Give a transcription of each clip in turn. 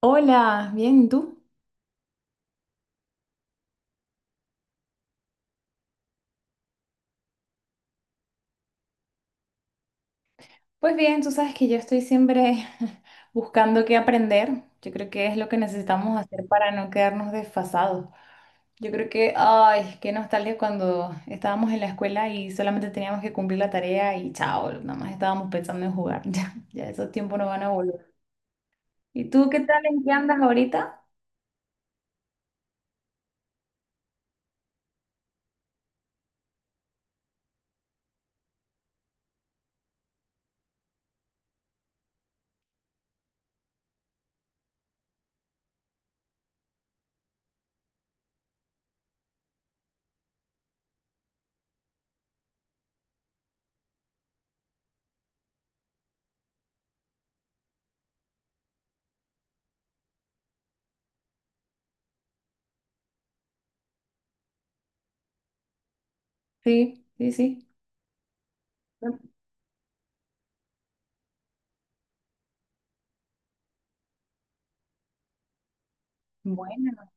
Hola, bien, ¿y tú? Pues bien, tú sabes que yo estoy siempre buscando qué aprender. Yo creo que es lo que necesitamos hacer para no quedarnos desfasados. Yo creo que, ay, qué nostalgia cuando estábamos en la escuela y solamente teníamos que cumplir la tarea y chao, nada más estábamos pensando en jugar. Ya, ya esos tiempos no van a volver. ¿Y tú qué tal? ¿En qué andas ahorita? Sí, sí, sí. Bueno.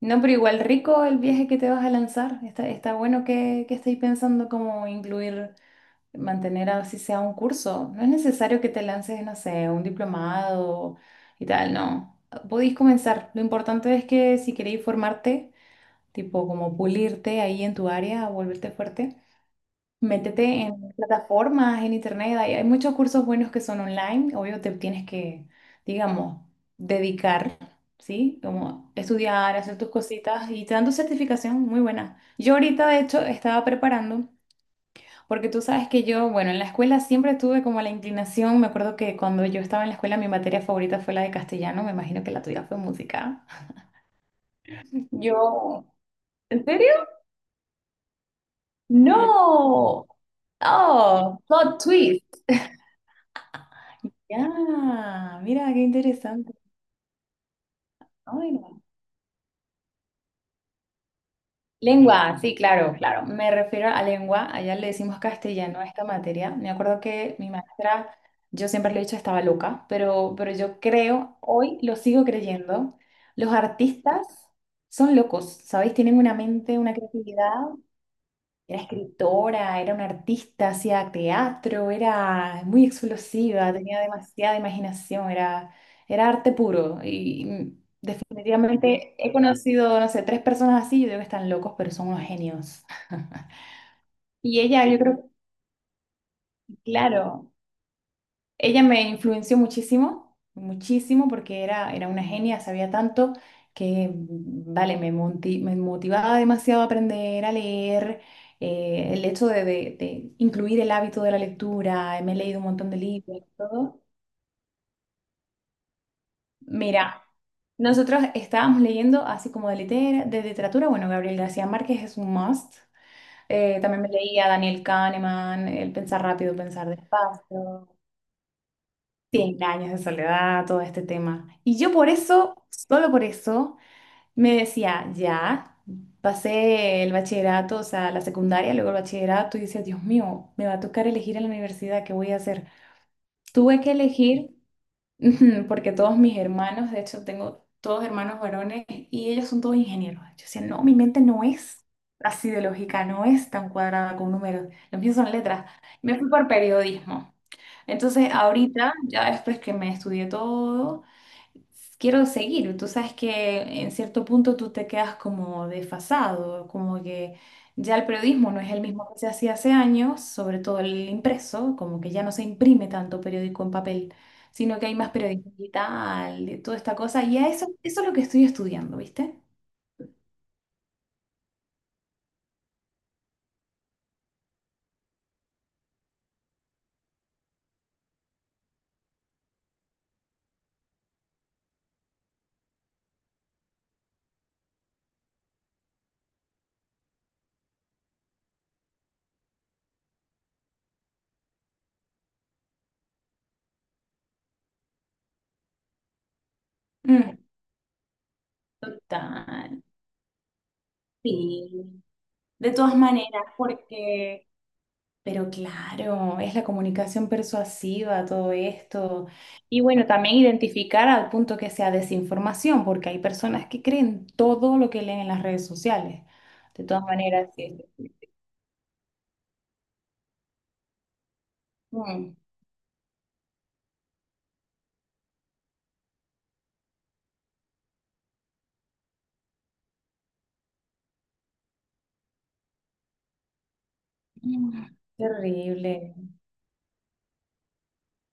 No, pero igual rico el viaje que te vas a lanzar. Está bueno que estéis pensando cómo incluir, mantener así sea un curso. No es necesario que te lances, no sé, un diplomado y tal, no. Podéis comenzar. Lo importante es que si queréis formarte, tipo como pulirte ahí en tu área, volverte fuerte, métete en plataformas, en internet. Hay muchos cursos buenos que son online. Obvio, te tienes que, digamos, dedicar. ¿Sí? Como estudiar, hacer tus cositas y te dan tu certificación muy buena. Yo ahorita, de hecho, estaba preparando. Porque tú sabes que yo, bueno, en la escuela siempre tuve como la inclinación, me acuerdo que cuando yo estaba en la escuela mi materia favorita fue la de castellano, me imagino que la tuya fue música. Yo, ¿en serio? No. Oh, plot twist. Ya, mira qué interesante. Ay, no. Lengua, sí, claro, claro. Me refiero a lengua. Allá le decimos castellano a esta materia. Me acuerdo que mi maestra, yo siempre le he dicho estaba loca, pero yo creo, hoy lo sigo creyendo, los artistas son locos, ¿sabéis? Tienen una mente, una creatividad. Era escritora, era una artista, hacía teatro, era muy explosiva, tenía demasiada imaginación, era arte puro. Y definitivamente he conocido, no sé, tres personas así, yo digo que están locos, pero son unos genios. Y ella, yo creo, claro, ella me influenció muchísimo, muchísimo, porque era una genia, sabía tanto que, vale, me motivaba demasiado a aprender a leer. El hecho de, de incluir el hábito de la lectura, me he leído un montón de libros, todo. Mira, nosotros estábamos leyendo así como de, de literatura, bueno, Gabriel García Márquez es un must. También me leía Daniel Kahneman, El pensar rápido, pensar despacio. Cien años de soledad, todo este tema. Y yo por eso, solo por eso, me decía, ya, pasé el bachillerato, o sea, la secundaria, luego el bachillerato, y decía, Dios mío, me va a tocar elegir en la universidad, ¿qué voy a hacer? Tuve que elegir. Ujú. Porque todos mis hermanos, de hecho tengo todos hermanos varones y ellos son todos ingenieros. Yo decía, no, mi mente no es así de lógica, no es tan cuadrada con números, los míos son letras. Me fui por periodismo. Entonces ahorita, ya después que me estudié todo, quiero seguir. Tú sabes que en cierto punto tú te quedas como desfasado, como que ya el periodismo no es el mismo que se hacía hace años, sobre todo el impreso, como que ya no se imprime tanto periódico en papel, sino que hay más periodismo digital, de toda esta cosa, y a eso, eso es lo que estoy estudiando, ¿viste? Mm, total, sí. De todas maneras, porque Pero claro, es la comunicación persuasiva, todo esto. Y bueno, también identificar al punto que sea desinformación, porque hay personas que creen todo lo que leen en las redes sociales. De todas maneras, sí. Mm. Mm, Terrible.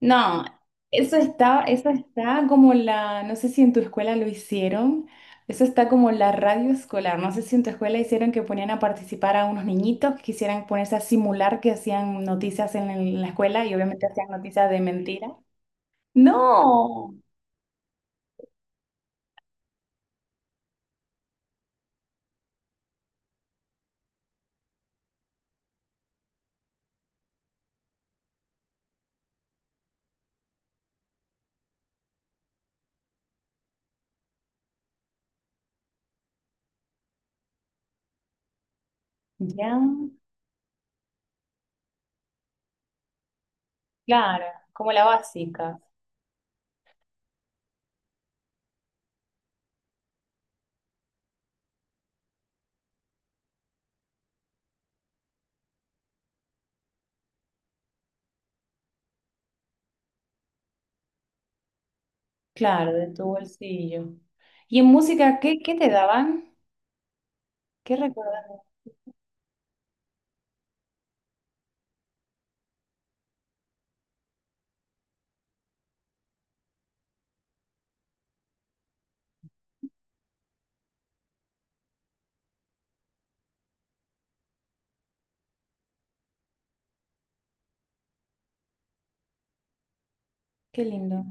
No, eso está como la, no sé si en tu escuela lo hicieron, eso está como la radio escolar, no sé si en tu escuela hicieron que ponían a participar a unos niñitos que quisieran ponerse a simular que hacían noticias en, la escuela y obviamente hacían noticias de mentira. No, ya, claro, como la básica, claro, de tu bolsillo. ¿Y en música qué te daban? ¿Qué recuerdas? Qué lindo.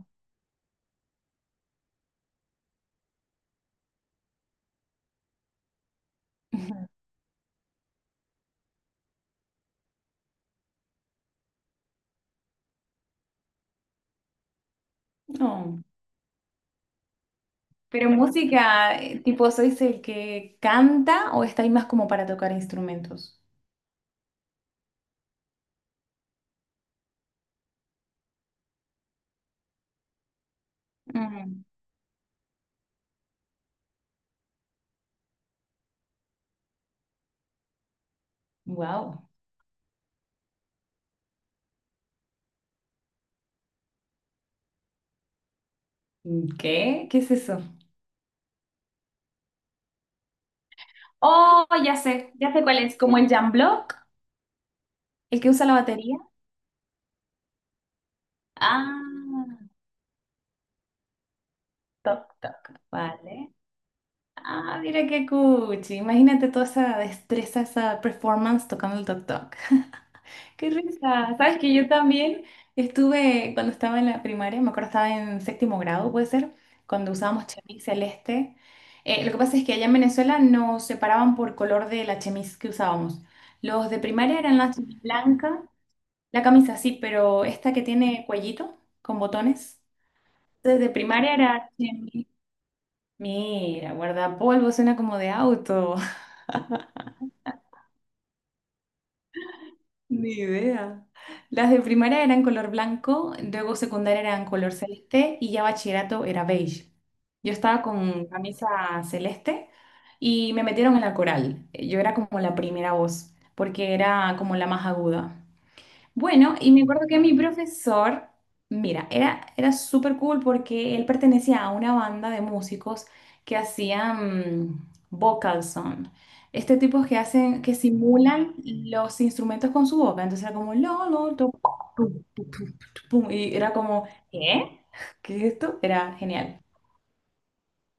Ujú. Pero música, tipo, ¿sois el que canta o estáis más como para tocar instrumentos? Wow. ¿Qué? ¿Qué es eso? Oh, ya sé cuál es, como el jam block, el que usa la batería. Ah, toc, toc, vale. Ah, mira qué cuchi. Imagínate toda esa destreza, esa performance tocando el toc, toc. Qué risa. Sabes que yo también estuve, cuando estaba en la primaria, me acuerdo estaba en séptimo grado, puede ser, cuando usábamos chemis celeste. Lo que pasa es que allá en Venezuela nos separaban por color de la chemis que usábamos. Los de primaria eran la chemis blanca, la camisa sí, pero esta que tiene cuellito con botones. Entonces de primaria era chemis. Mira, guardapolvo suena como de auto. Ni idea. Las de primaria eran color blanco, luego secundaria eran color celeste y ya bachillerato era beige. Yo estaba con camisa celeste y me metieron en la coral. Yo era como la primera voz, porque era como la más aguda. Bueno, y me acuerdo que mi profesor, mira, era súper cool porque él pertenecía a una banda de músicos que hacían vocal son. Este tipo que hacen, que simulan los instrumentos con su boca. Entonces era como, lo, to, pum, tu, pum", y era como, ¿qué? ¿Qué es esto? Era genial.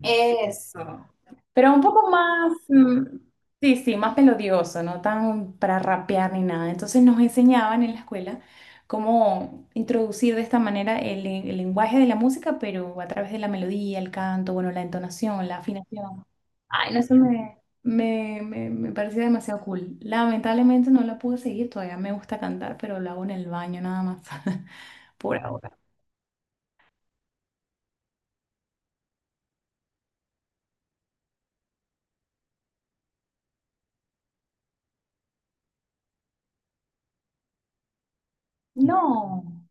Eso. Pero un poco más, sí, sí, más melodioso, no tan para rapear ni nada. Entonces nos enseñaban en la escuela cómo introducir de esta manera el lenguaje de la música, pero a través de la melodía, el canto, bueno, la entonación, la afinación. Ay, no, eso me parecía demasiado cool. Lamentablemente no la pude seguir todavía. Me gusta cantar, pero lo hago en el baño nada más, por ahora. No,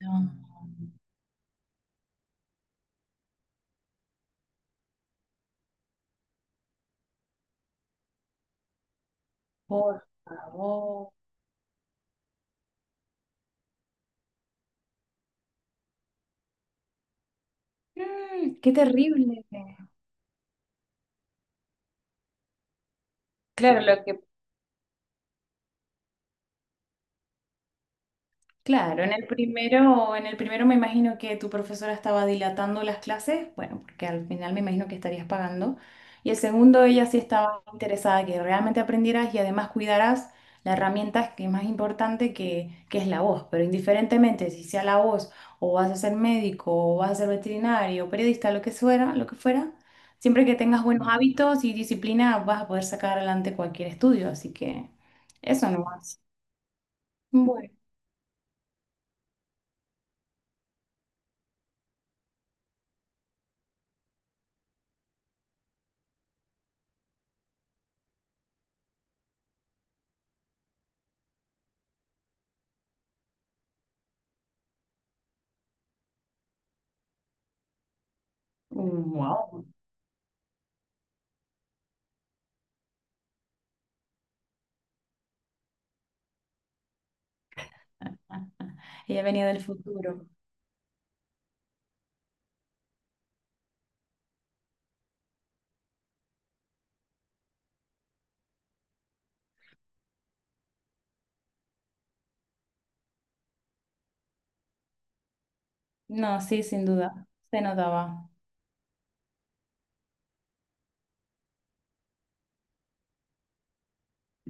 no, por favor. Qué terrible. Claro, lo que Claro, en el primero me imagino que tu profesora estaba dilatando las clases, bueno, porque al final me imagino que estarías pagando. Y el segundo, ella sí estaba interesada que realmente aprendieras y además cuidaras la herramienta que es más importante que es la voz. Pero indiferentemente si sea la voz o vas a ser médico o vas a ser veterinario, periodista, lo que fuera, siempre que tengas buenos hábitos y disciplina vas a poder sacar adelante cualquier estudio. Así que eso nomás. Bueno. Wow. Ella venía del futuro. No, sí, sin duda. Se notaba.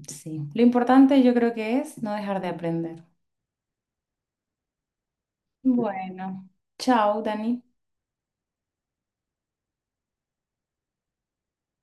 Sí. Lo importante yo creo que es no dejar de aprender. Bueno, chao, Dani.